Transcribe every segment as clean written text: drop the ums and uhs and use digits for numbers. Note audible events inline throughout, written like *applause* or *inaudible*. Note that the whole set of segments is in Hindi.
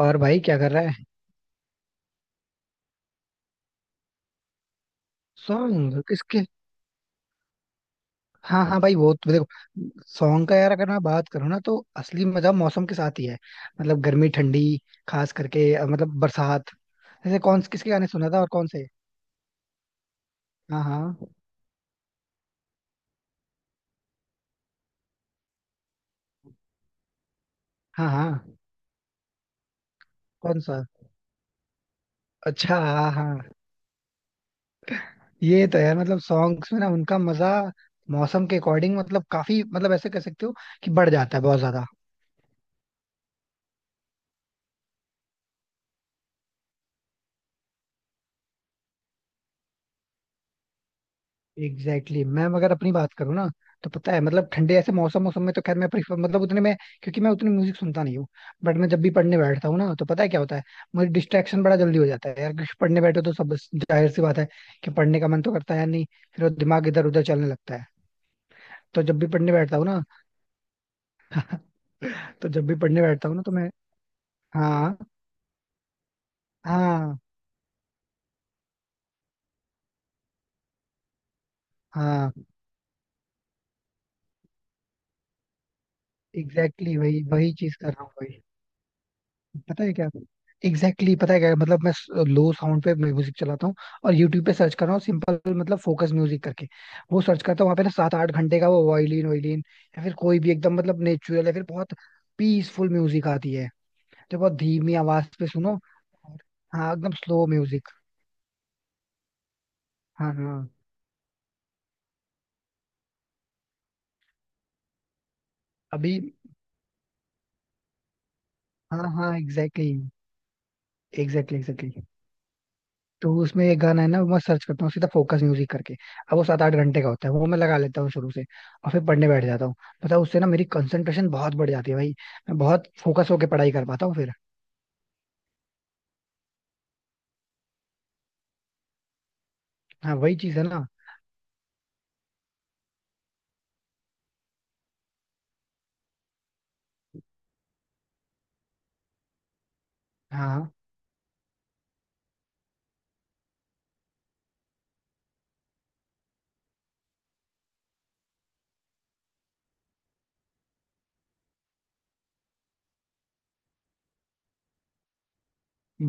और भाई क्या कर रहा है. सॉन्ग किसके. हाँ हाँ भाई वो तो देखो. सॉन्ग का यार अगर मैं बात करूँ ना तो असली मजा मौसम के साथ ही है. मतलब गर्मी ठंडी, खास करके मतलब बरसात. जैसे कौन किसके गाने सुना था और कौन से. हाँ हाँ. हाँ हाँ. कौन सा. अच्छा हाँ हाँ. ये तो यार मतलब सॉन्ग्स में ना उनका मजा मौसम के अकॉर्डिंग, मतलब काफी, मतलब ऐसे कह सकते हो कि बढ़ जाता है बहुत ज्यादा. Exactly exactly. मैं अगर अपनी बात करूँ ना तो पता है मतलब ठंडे ऐसे मौसम मौसम में तो खैर मैं प्रीफर मतलब उतने में, क्योंकि मैं उतनी म्यूजिक सुनता नहीं हूँ. बट मैं जब भी पढ़ने बैठता हूँ ना तो पता है क्या होता है. मुझे डिस्ट्रैक्शन बड़ा जल्दी हो जाता है यार, क्योंकि पढ़ने बैठो तो सब जाहिर सी बात है कि पढ़ने का मन तो करता है नहीं. फिर वो दिमाग इधर उधर चलने लगता है. तो जब भी पढ़ने बैठता हूँ ना, तो मैं. हाँ. हाँ. हाँ. एग्जैक्टली exactly वही वही चीज कर रहा हूँ भाई. पता है क्या. एग्जैक्टली exactly, पता है क्या, मतलब मैं लो साउंड पे म्यूजिक चलाता हूँ और यूट्यूब पे सर्च कर रहा हूँ सिंपल, मतलब फोकस म्यूजिक करके. वो सर्च करता हूँ वहां पे ना सात आठ घंटे का, वो वायलिन वायलिन या फिर कोई भी एकदम मतलब नेचुरल या फिर बहुत पीसफुल म्यूजिक आती है, जो बहुत धीमी आवाज पे सुनो. और- हाँ एकदम स्लो म्यूजिक. हाँ हाँ. अभी. हाँ हाँ एग्जैक्टली एग्जैक्टली एग्जैक्टली. तो उसमें एक गाना है ना, वो मैं सर्च करता हूँ सीधा फोकस म्यूजिक करके. अब वो सात आठ घंटे का होता है, वो मैं लगा लेता हूँ शुरू से और फिर पढ़ने बैठ जाता हूँ. पता है उससे ना मेरी कंसंट्रेशन बहुत बढ़ जाती है भाई. मैं बहुत फोकस होके पढ़ाई कर पाता हूँ फिर. हाँ वही चीज है ना. हाँ.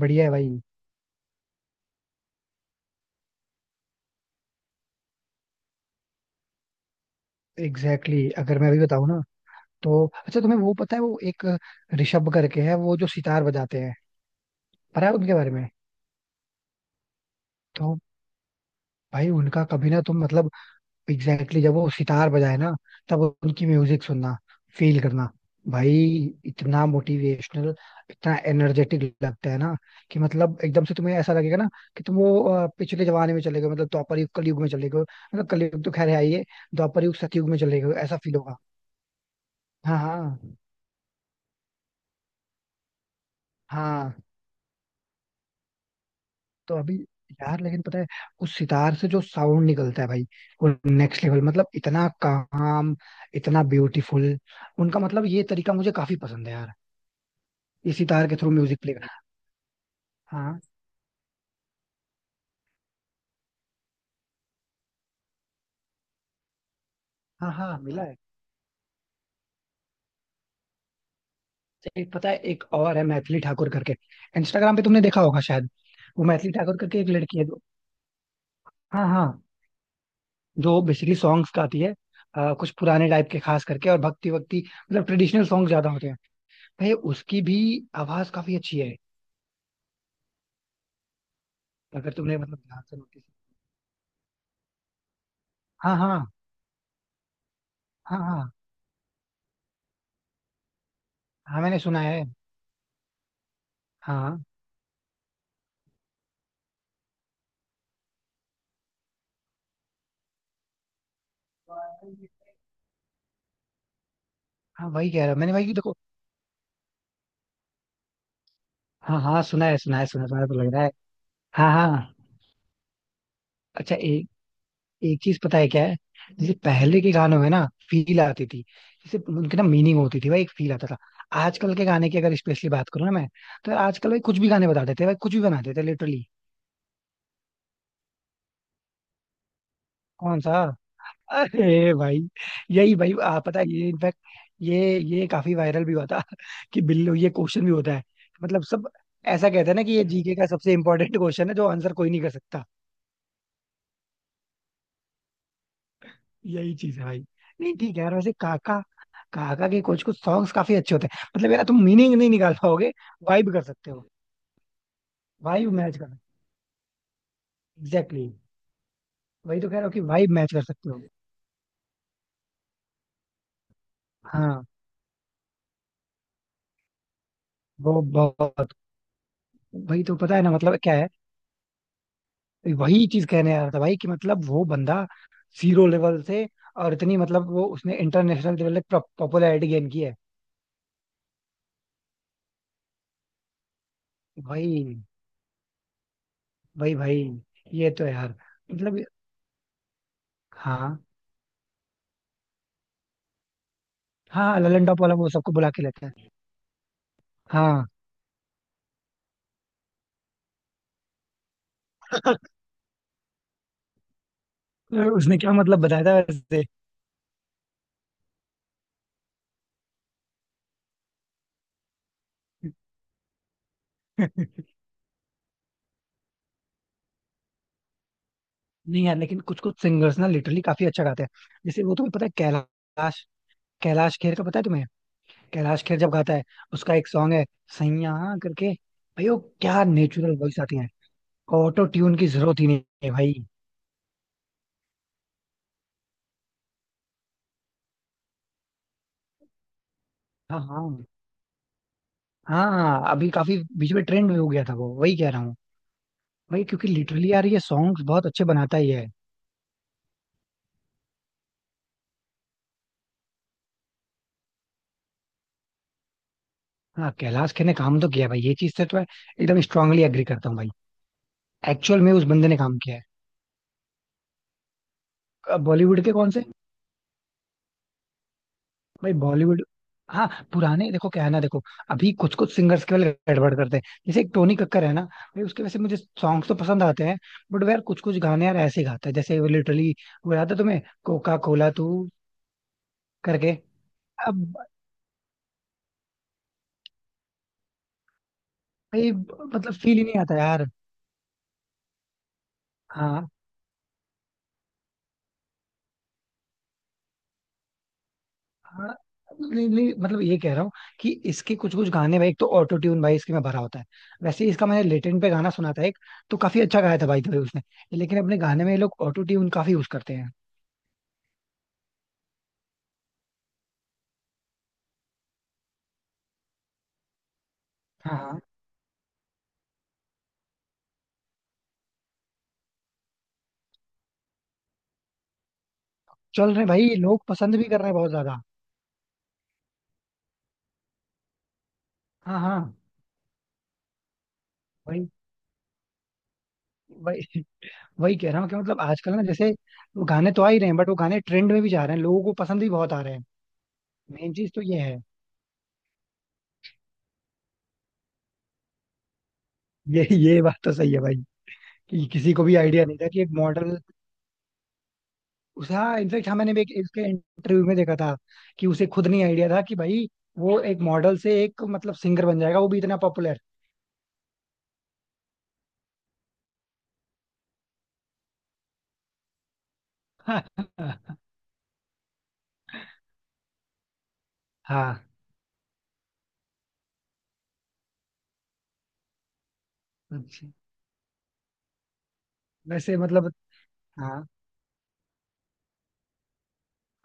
बढ़िया है भाई. Exactly exactly. अगर मैं अभी बताऊँ ना तो अच्छा तुम्हें वो पता है, वो एक ऋषभ करके है वो जो सितार बजाते हैं. पता है उनके बारे में. तो भाई उनका कभी ना तुम मतलब. एग्जैक्टली exactly, जब वो सितार बजाए ना तब उनकी म्यूजिक सुनना, फील करना भाई. इतना मोटिवेशनल, इतना एनर्जेटिक लगता है ना कि मतलब एकदम से तुम्हें ऐसा लगेगा ना कि तुम वो पिछले जमाने में चले गए, मतलब द्वापर युग कलयुग में चले गए, मतलब कलयुग तो खैर है ही है. द्वापर युग सतयुग में चले गए ऐसा फील होगा. हाँ. हाँ. हाँ तो अभी यार लेकिन पता है, उस सितार से जो साउंड निकलता है भाई, वो नेक्स्ट लेवल, मतलब इतना काम, इतना ब्यूटीफुल. उनका मतलब ये तरीका मुझे काफी पसंद है यार, इसी तार के थ्रू म्यूजिक प्ले कर. हाँ. हाँ हाँ मिला है. एक पता है, एक और है मैथिली ठाकुर करके, इंस्टाग्राम पे तुमने देखा होगा शायद. वो मैथिली ठाकुर करके एक लड़की है जो, हाँ हाँ, जो बेसिकली सॉन्ग्स गाती है. कुछ पुराने टाइप के खास करके, और भक्ति वक्ति मतलब ट्रेडिशनल सॉन्ग ज्यादा होते हैं. भाई उसकी भी आवाज काफी अच्छी है. अगर तुमने मतलब ध्यान से नोटिस. हाँ हाँ. हाँ हाँ. हाँ मैंने सुना है. हाँ. हाँ वही कह रहा मैंने भाई देखो. हाँ हाँ सुना है सुना है, सुना सुना तो लग रहा है. हाँ हाँ. अच्छा एक चीज पता है क्या है, जैसे पहले के गानों में ना फील आती थी, जैसे उनके ना मीनिंग होती थी भाई, एक फील आता था. आजकल के गाने की अगर स्पेशली बात करूँ ना मैं, तो आजकल भाई कुछ भी गाने बता देते हैं भाई, कुछ भी बना देते हैं लिटरली. कौन सा. अरे भाई. यही भाई, पता है ये इनफैक्ट ये काफी वायरल भी हुआ था *laughs* कि बिल्लो ये क्वेश्चन भी होता है. मतलब सब ऐसा कहते हैं ना कि ये जीके का सबसे इम्पोर्टेंट क्वेश्चन है जो आंसर कोई नहीं कर सकता. यही चीज है भाई. नहीं ठीक है यार, वैसे काका, काका के कुछ कुछ सॉन्ग्स काफी अच्छे होते हैं. मतलब यार तुम मीनिंग नहीं निकाल पाओगे, वाइब कर सकते हो, वाइब मैच कर सकते हो. Exactly exactly. वही तो कह रहा हूँ कि वाइब मैच कर सकते हो. हाँ वो बहुत. वही तो पता है ना, मतलब क्या है. वही चीज कहने आ रहा था भाई कि मतलब वो बंदा जीरो लेवल से, और इतनी मतलब वो उसने इंटरनेशनल लेवल तक पॉपुलैरिटी गेन की है. भाई. भाई भाई. ये तो यार मतलब. हाँ. हाँ ललन टॉप वाला वो सबको बुला के लेता है. हाँ. उसने क्या मतलब बताया था वैसे. *laughs* नहीं यार, लेकिन कुछ कुछ सिंगर्स ना लिटरली काफी अच्छा गाते हैं. जैसे वो तुम्हें पता है कैलाश, कैलाश खेर का पता है तुम्हें. कैलाश खेर जब गाता है, उसका एक सॉन्ग है सैया करके, भाई वो क्या नेचुरल वॉइस आती है. ऑटो ट्यून की जरूरत ही नहीं है भाई. हाँ. हाँ. हाँ अभी काफी बीच में ट्रेंड में हो गया था वो, वही कह रहा हूँ भाई, क्योंकि लिटरली यार ये सॉन्ग्स बहुत अच्छे बनाता ही है. हाँ कैलाश खेर ने काम तो किया भाई, ये चीज से तो मैं एकदम स्ट्रांगली एग्री करता हूँ भाई. एक्चुअल में उस बंदे ने काम किया है. बॉलीवुड के कौन से. भाई बॉलीवुड. हाँ पुराने देखो क्या है ना, देखो अभी कुछ कुछ सिंगर्स केवल गड़बड़ करते हैं. जैसे एक टोनी कक्कर है ना भाई, उसके वैसे मुझे सॉन्ग्स तो पसंद आते हैं, बट यार कुछ कुछ गाने यार ऐसे ही गाता है जैसे वो लिटरली. वो याद है तुम्हें कोका कोला तू करके. अब भाई मतलब फील ही नहीं आता यार. हाँ. हाँ. नहीं, नहीं, मतलब ये कह रहा हूँ कि इसके कुछ कुछ गाने भाई, एक तो ऑटो ट्यून भाई इसके में भरा होता है. वैसे ही इसका मैंने लेटेंट पे गाना सुना था एक, तो काफी अच्छा गाया था भाई तो उसने, लेकिन अपने गाने में ये लोग ऑटो ट्यून काफी यूज करते हैं. हाँ. हाँ. चल रहे हैं भाई, लोग पसंद भी कर रहे हैं बहुत ज्यादा. हाँ. हाँ. वही वही वही कह रहा हूँ कि मतलब आजकल ना जैसे वो गाने तो आ ही रहे हैं, बट वो गाने ट्रेंड में भी जा रहे हैं, लोगों को पसंद भी बहुत आ रहे हैं. मेन चीज तो ये है. ये बात तो सही है भाई, कि किसी को भी आइडिया नहीं था कि एक मॉडल. उसे हाँ इनफेक्ट, हाँ मैंने भी इसके इंटरव्यू में देखा था कि उसे खुद नहीं आइडिया था कि भाई वो एक मॉडल से एक मतलब सिंगर बन जाएगा, वो भी इतना पॉपुलर. *laughs* हाँ. अच्छा. वैसे मतलब. हाँ.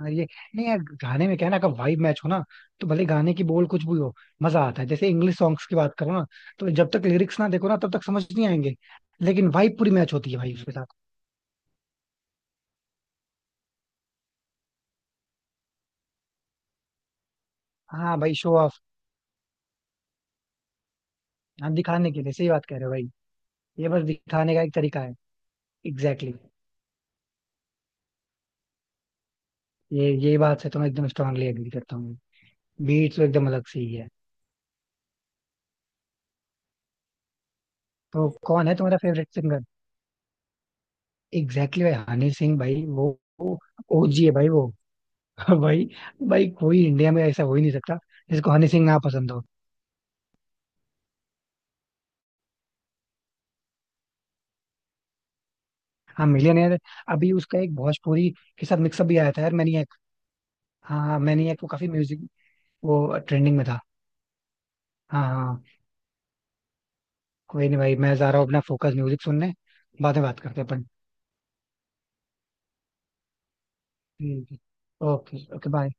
हाँ. ये. नहीं यार गाने में क्या है ना, अगर वाइब मैच हो ना तो भले गाने की बोल कुछ भी हो, मजा आता है. जैसे इंग्लिश सॉन्ग्स की बात करो ना, तो जब तक लिरिक्स ना देखो ना तब तक समझ नहीं आएंगे, लेकिन वाइब पूरी मैच होती है भाई उसके साथ. हाँ भाई शो ऑफ. हाँ दिखाने के लिए, सही बात कह रहे हो भाई. ये बस दिखाने का एक तरीका है. Exactly exactly. ये बात से तो मैं एकदम स्ट्रांगली एग्री करता हूँ. बीट तो एकदम अलग से ही है. तो कौन है तुम्हारा फेवरेट सिंगर. एग्जैक्टली भाई हनी सिंह भाई वो ओजी है भाई वो. *laughs* भाई. भाई कोई इंडिया में ऐसा हो ही नहीं सकता जिसको हनी सिंह ना पसंद हो. हाँ मिलियनेयर. अभी उसका एक भोजपुरी के साथ मिक्सअप भी आया था यार, मैनिएक. हाँ हाँ मैनिएक, वो काफी म्यूजिक, वो ट्रेंडिंग में था. हाँ हाँ. कोई नहीं भाई, मैं जा रहा हूँ अपना फोकस म्यूजिक सुनने, बाद में बात करते हैं अपन. ठीक है. Okay okay bye.